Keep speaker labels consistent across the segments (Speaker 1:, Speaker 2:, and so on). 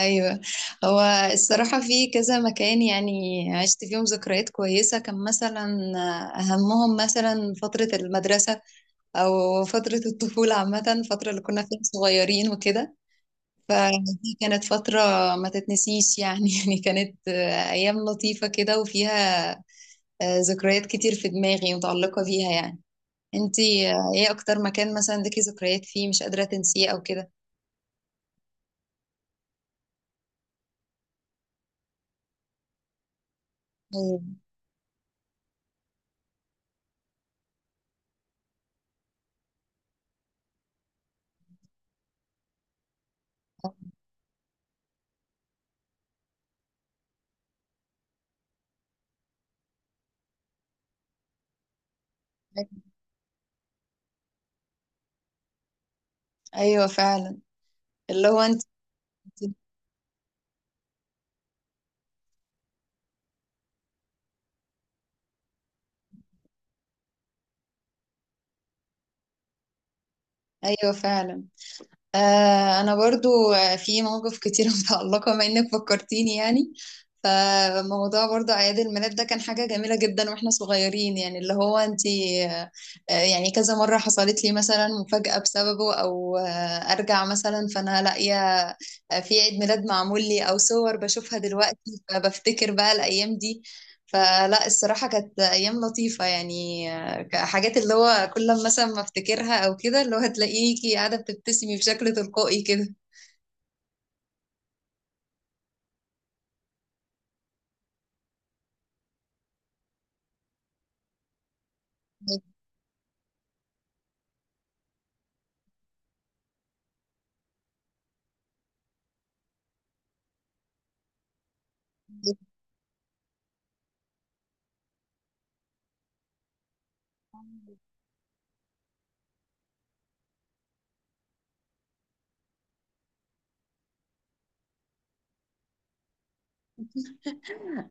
Speaker 1: ايوه. هو الصراحه في كذا مكان، يعني عشت فيهم ذكريات كويسه. كان مثلا اهمهم مثلا فتره المدرسه او فتره الطفوله عامه، الفتره اللي كنا فيها صغيرين وكده. فدي كانت فتره ما تتنسيش يعني. يعني كانت ايام لطيفه كده وفيها ذكريات كتير في دماغي متعلقه بيها يعني. انتي ايه اكتر مكان مثلا ليكي ذكريات فيه مش قادره تنسيه او كده؟ ايوه، ايوه فعلا. اللي هو انت. ايوه فعلا. انا برضو في مواقف كتير متعلقه بما انك فكرتيني يعني. فموضوع برضو اعياد الميلاد ده كان حاجه جميله جدا واحنا صغيرين يعني، اللي هو انتي. آه، يعني كذا مره حصلت لي مثلا مفاجاه بسببه، او ارجع مثلا فانا لاقيه في عيد ميلاد معمول لي، او صور بشوفها دلوقتي فبفتكر بقى الايام دي. فلا، الصراحه كانت ايام لطيفه يعني. حاجات اللي هو كل لما مثلا ما افتكرها او كده اللي هو هتلاقيكي قاعده بتبتسمي بشكل تلقائي كده.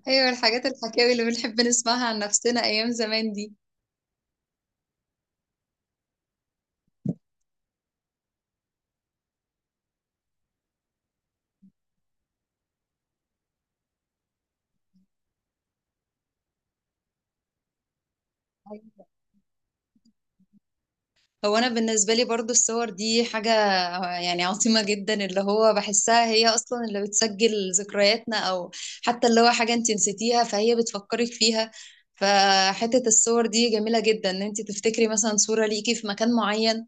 Speaker 1: ايوه، الحاجات الحكاوي اللي بنحب نسمعها عن نفسنا ايام زمان دي. هو انا بالنسبه لي برضو الصور دي حاجه يعني عظيمه جدا. اللي هو بحسها هي اصلا اللي بتسجل ذكرياتنا، او حتى اللي هو حاجه انت نسيتيها فهي بتفكرك فيها. فحته الصور دي جميله جدا ان انت تفتكري مثلا صوره ليكي في مكان معين.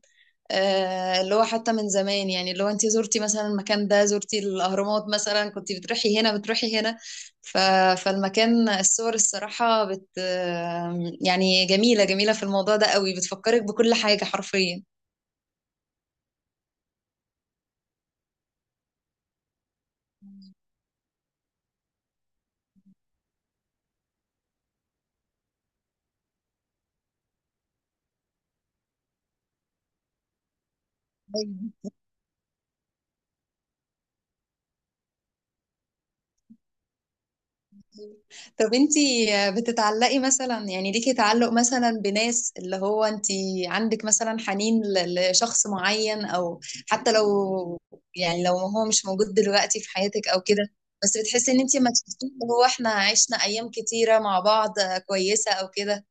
Speaker 1: اللي هو حتى من زمان يعني، اللي هو انت زرتي مثلا المكان ده، زرتي الأهرامات مثلا، كنت بتروحي هنا بتروحي هنا. ف... فالمكان، الصور الصراحة بت آه، يعني جميلة جميلة في الموضوع ده قوي، بتفكرك بكل حاجة حرفيا. طب انتي بتتعلقي مثلا، يعني ليكي تعلق مثلا بناس، اللي هو انتي عندك مثلا حنين لشخص معين، او حتى لو، يعني لو هو مش موجود دلوقتي في حياتك او كده، بس بتحسي ان انتي ما تشوفيه، اللي هو احنا عشنا ايام كتيرة مع بعض كويسة او كده.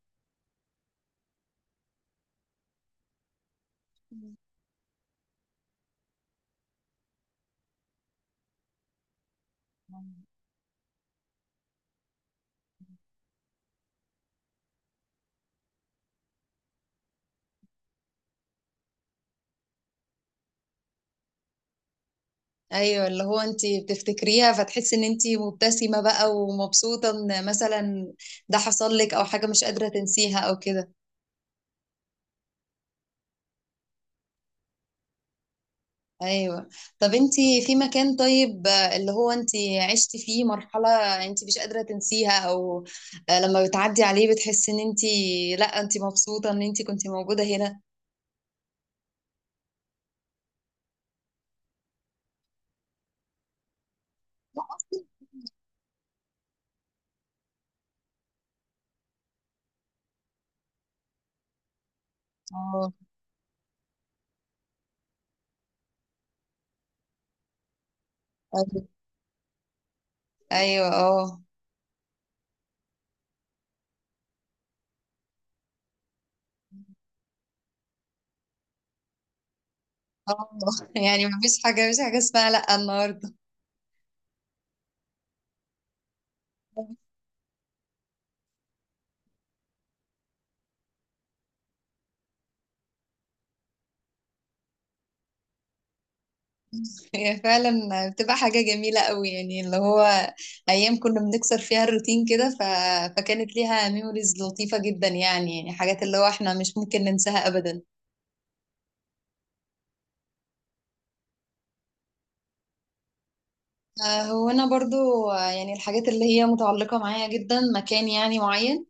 Speaker 1: ايوه، اللي هو انتي بتفتكريها فتحسي ان انتي مبتسمة بقى ومبسوطة ان مثلا ده حصل لك، او حاجة مش قادرة تنسيها او كده. ايوه. طب انتي في مكان طيب، اللي هو انتي عشتي فيه مرحلة انتي مش قادرة تنسيها، او لما بتعدي عليه بتحسي ان انتي، لا، انتي مبسوطة ان انتي كنتي موجودة هنا؟ لا أصلاً. اه. ايوه. ايوه. اه. آه. يعني مفيش حاجة، مفيش حاجة اسمها لا النهاردة. هي فعلا بتبقى حاجة جميلة قوي يعني، اللي هو ايام كنا بنكسر فيها الروتين كده. فكانت ليها ميموريز لطيفة جدا يعني حاجات اللي هو احنا مش ممكن ننساها ابدا. هو أنا برضو يعني الحاجات اللي هي متعلقة معايا جدا مكان يعني معين.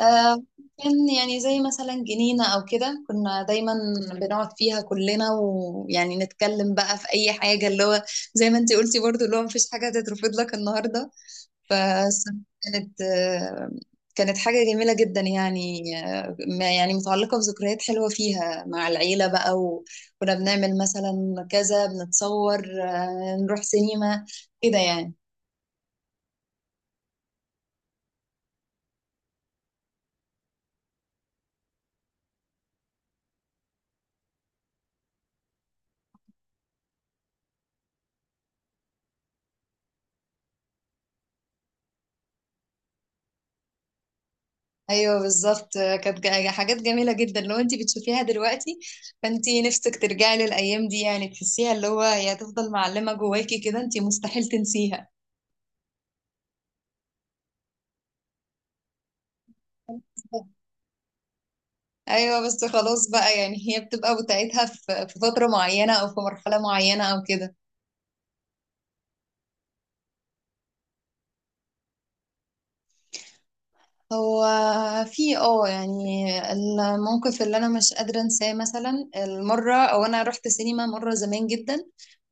Speaker 1: آه، كان يعني زي مثلا جنينة أو كده، كنا دايما بنقعد فيها كلنا، ويعني نتكلم بقى في أي حاجة، اللي هو زي ما انتي قلتي برضو، اللي هو مفيش حاجة هتترفض لك النهاردة. فكانت كانت آه، كانت حاجة جميلة جدا يعني. يعني متعلقة بذكريات حلوة فيها مع العيلة بقى، وكنا بنعمل مثلا كذا، بنتصور نروح سينما كده يعني. ايوه بالظبط، كانت يعني حاجات جميله جدا. لو انت بتشوفيها دلوقتي فانت نفسك ترجعي للايام دي يعني، تحسيها اللي هو هي هتفضل معلمه جواكي كده، انت مستحيل تنسيها. ايوه. بس خلاص بقى، يعني هي بتبقى بتاعتها في فتره معينه او في مرحله معينه او كده. هو في يعني الموقف اللي انا مش قادره انساه، مثلا المره او انا رحت سينما مره زمان جدا،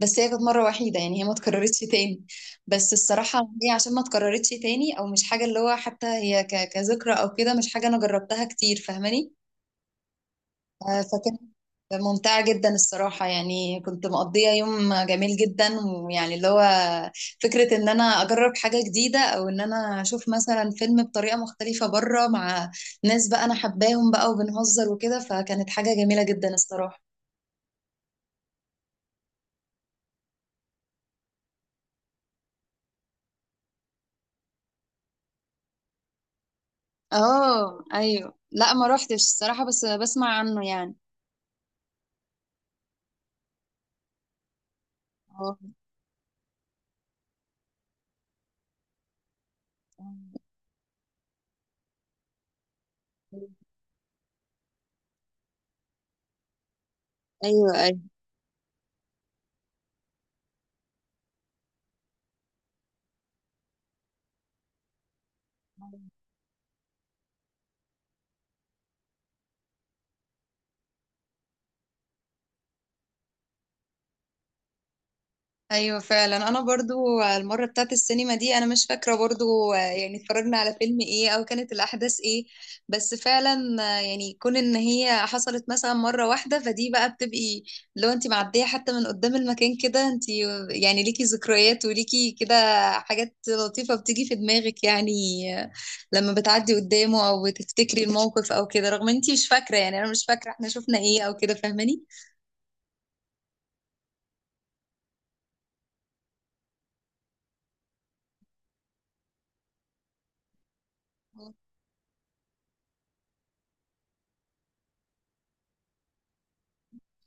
Speaker 1: بس هي كانت مره وحيده، يعني هي ما اتكررتش تاني. بس الصراحه هي عشان ما اتكررتش تاني، او مش حاجه اللي هو حتى هي كذكرى او كده، مش حاجه انا جربتها كتير، فاهماني. فكانت ممتعة جدا الصراحة، يعني كنت مقضية يوم جميل جدا، ويعني اللي هو فكرة ان انا اجرب حاجة جديدة، او ان انا اشوف مثلا فيلم بطريقة مختلفة بره مع ناس بقى انا حباهم بقى وبنهزر وكده، فكانت حاجة جميلة جدا الصراحة. اه، ايوه، لا ما روحتش الصراحة، بس بسمع عنه يعني. اه، ايوه، ايوه فعلا. انا برضو المره بتاعت السينما دي انا مش فاكره برضو، يعني اتفرجنا على فيلم ايه او كانت الاحداث ايه، بس فعلا يعني كون ان هي حصلت مثلا مره واحده فدي بقى بتبقي، لو انت معديه حتى من قدام المكان كده، انت يعني ليكي ذكريات وليكي كده حاجات لطيفه بتيجي في دماغك يعني. آه، لما بتعدي قدامه او بتفتكري الموقف او كده، رغم انت مش فاكره، يعني انا مش فاكره احنا شفنا ايه او كده، فاهماني.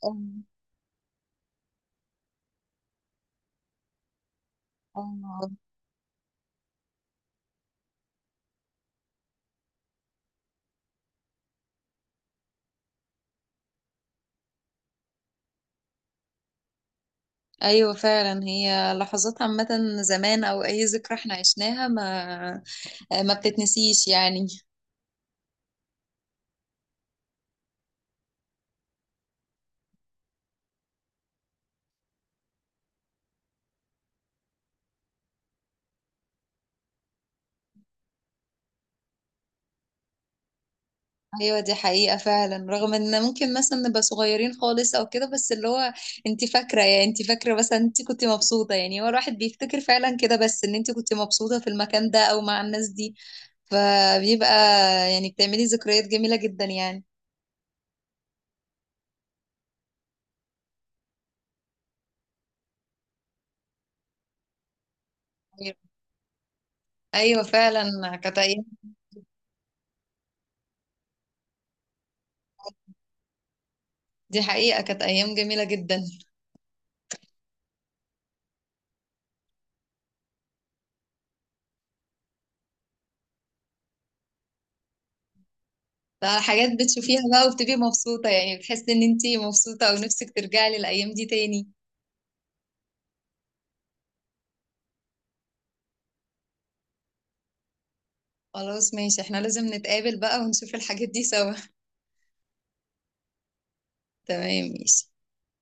Speaker 1: اه، اه، ايوه فعلا. هي لحظات عامة زمان، او اي ذكرى احنا عشناها ما بتتنسيش يعني. ايوه، دي حقيقة فعلا. رغم ان ممكن مثلا نبقى صغيرين خالص او كده، بس اللي هو انت فاكرة، يعني انت فاكرة مثلا انت كنت مبسوطة، يعني هو الواحد بيفتكر فعلا كده، بس ان انت كنت مبسوطة في المكان ده او مع الناس دي، فبيبقى يعني بتعملي ذكريات جميلة جدا يعني. ايوه، أيوة فعلا، كانت ايام. دي حقيقة كانت ايام جميلة جدا. ده حاجات بتشوفيها بقى وبتبقي مبسوطة، يعني بتحسي ان انتي مبسوطة ونفسك ترجعي للأيام دي تاني. خلاص ماشي، احنا لازم نتقابل بقى ونشوف الحاجات دي سوا. تمام ماشي.